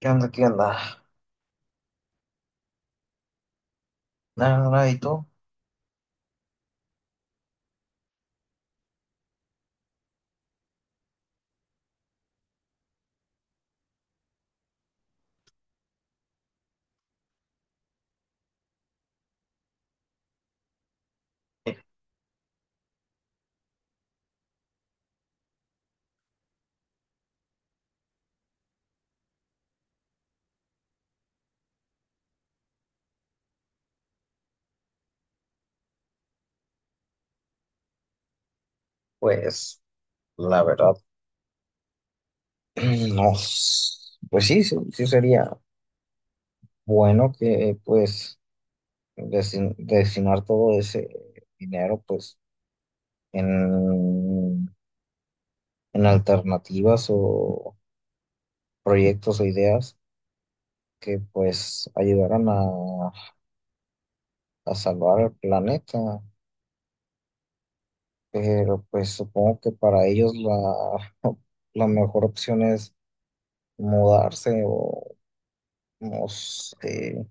¿Qué onda? ¿Qué onda? Nada, nada, ¿y tú? Eh, Pues la verdad, no. Pues sí, sí, sí sería bueno que pues destinar todo ese dinero pues en, en alternativas o proyectos o ideas que pues ayudaran a salvar el planeta. Pero pues supongo que para ellos la, la mejor opción es mudarse o no sé.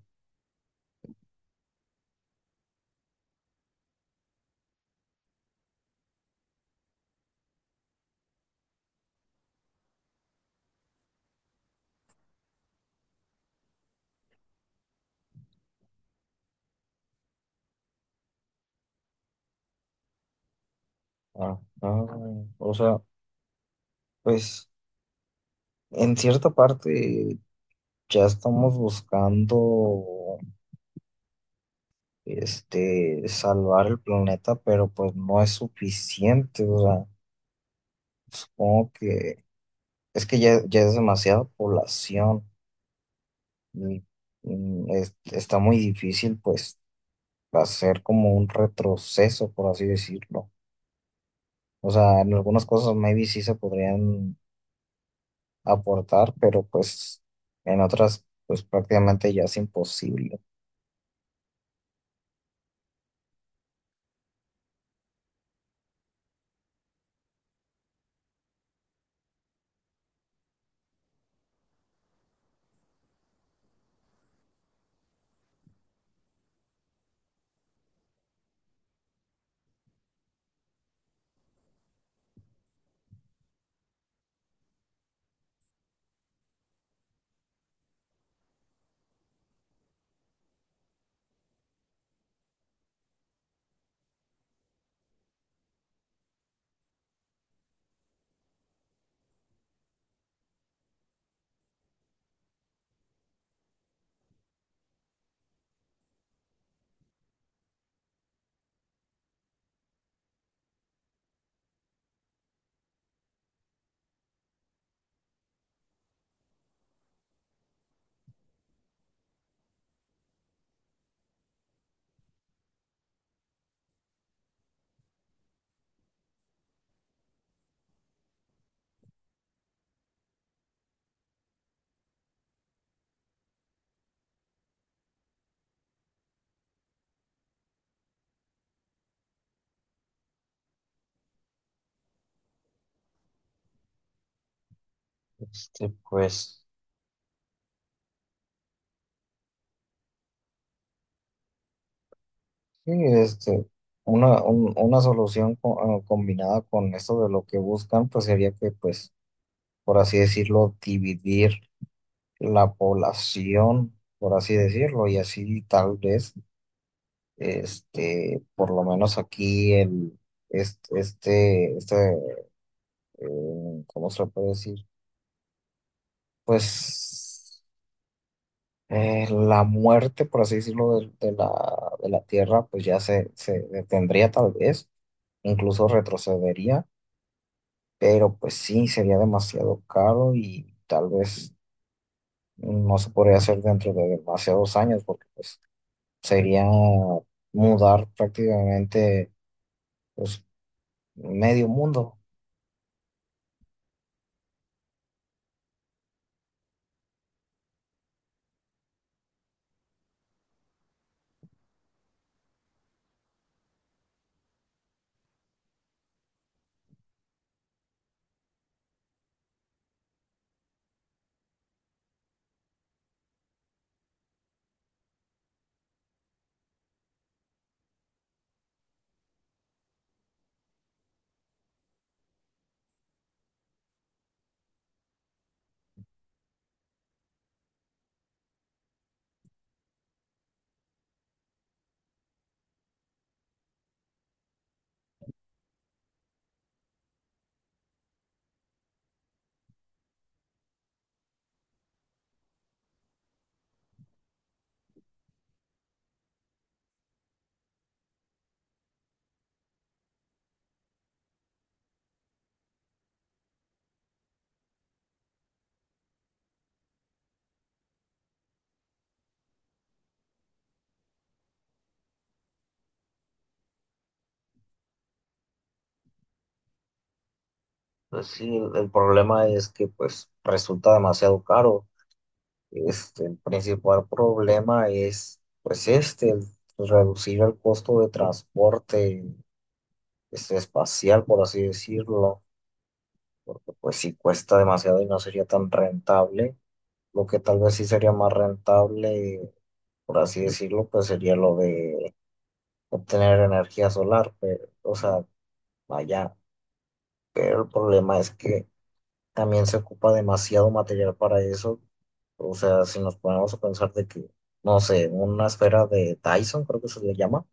Ah, ah, o sea, pues en cierta parte ya estamos buscando salvar el planeta, pero pues no es suficiente. O sea, supongo que es que ya, ya es demasiada población y, está muy difícil pues hacer como un retroceso, por así decirlo. O sea, en algunas cosas maybe sí se podrían aportar, pero pues en otras pues prácticamente ya es imposible. Pues sí, una, una solución combinada con esto de lo que buscan, pues sería que pues, por así decirlo, dividir la población, por así decirlo, y así tal vez, por lo menos aquí el, este, este, este, ¿cómo se puede decir? Pues la muerte, por así decirlo, de la Tierra, pues ya se detendría tal vez, incluso retrocedería, pero pues sí, sería demasiado caro y tal vez no se podría hacer dentro de demasiados años, porque pues sería mudar prácticamente pues medio mundo. Pues sí, el problema es que pues resulta demasiado caro. El principal problema es, pues, el reducir el costo de transporte, espacial, por así decirlo, porque, pues, si cuesta demasiado y no sería tan rentable, lo que tal vez sí sería más rentable, por así decirlo, pues, sería lo de obtener energía solar, pero, o sea, allá, pero el problema es que también se ocupa demasiado material para eso. O sea, si nos ponemos a pensar de que, no sé, una esfera de Dyson, creo que se le llama,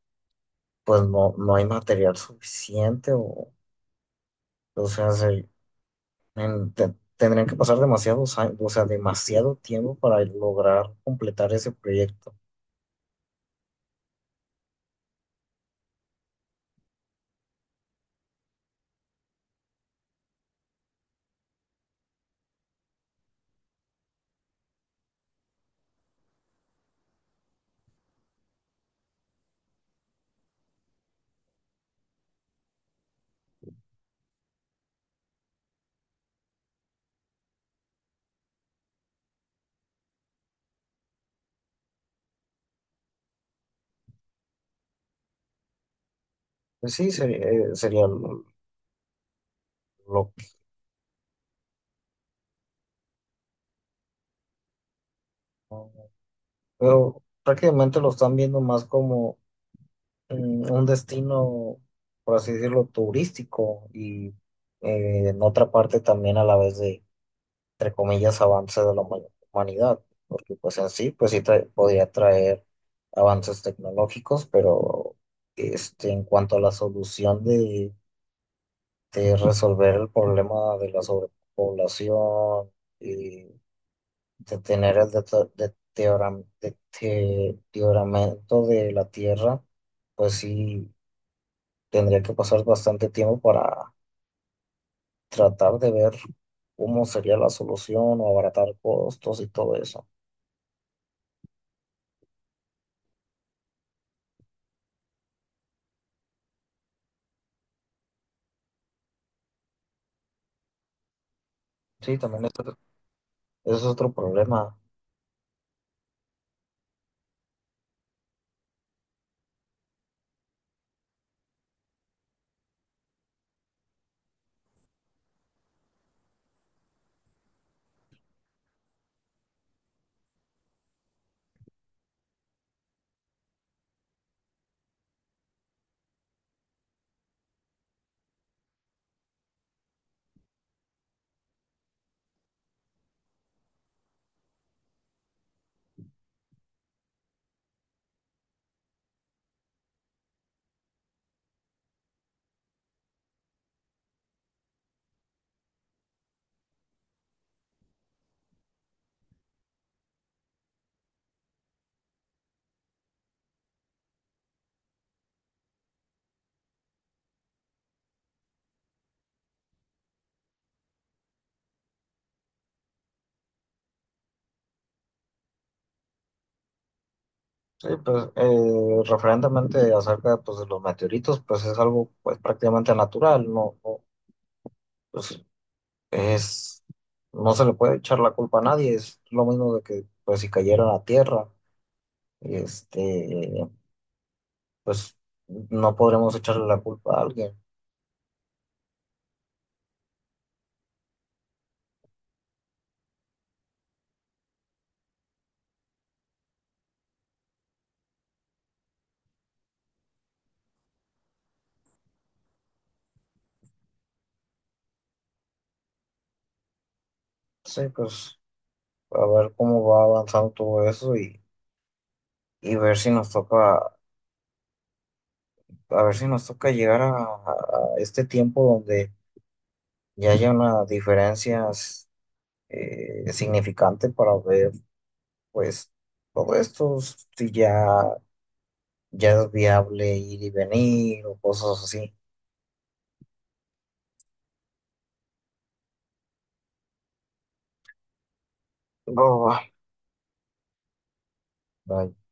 pues no, no hay material suficiente o sea, tendrían que pasar demasiados años, o sea, demasiado tiempo para lograr completar ese proyecto. Pues sí, sería, sería lo- pero prácticamente lo están viendo más como un destino, por así decirlo, turístico y en otra parte también a la vez de, entre comillas, avance de la humanidad, porque pues en sí, pues sí podría traer avances tecnológicos, pero en cuanto a la solución de resolver el problema de la sobrepoblación, y de tener el deterioramiento de la Tierra, pues sí tendría que pasar bastante tiempo para tratar de ver cómo sería la solución o abaratar costos y todo eso. Sí, también eso es otro problema. Sí, pues referentemente acerca pues, de los meteoritos, pues es algo pues prácticamente natural, no, no, pues es, no se le puede echar la culpa a nadie, es lo mismo de que pues si cayera a la Tierra, este, pues no podremos echarle la culpa a alguien. Sí, pues, a ver cómo va avanzando todo eso y ver si nos toca, a ver si nos toca llegar a este tiempo donde ya haya una diferencia significante para ver, pues, todo esto, si ya, ya es viable ir y venir o cosas así. Va, va, va.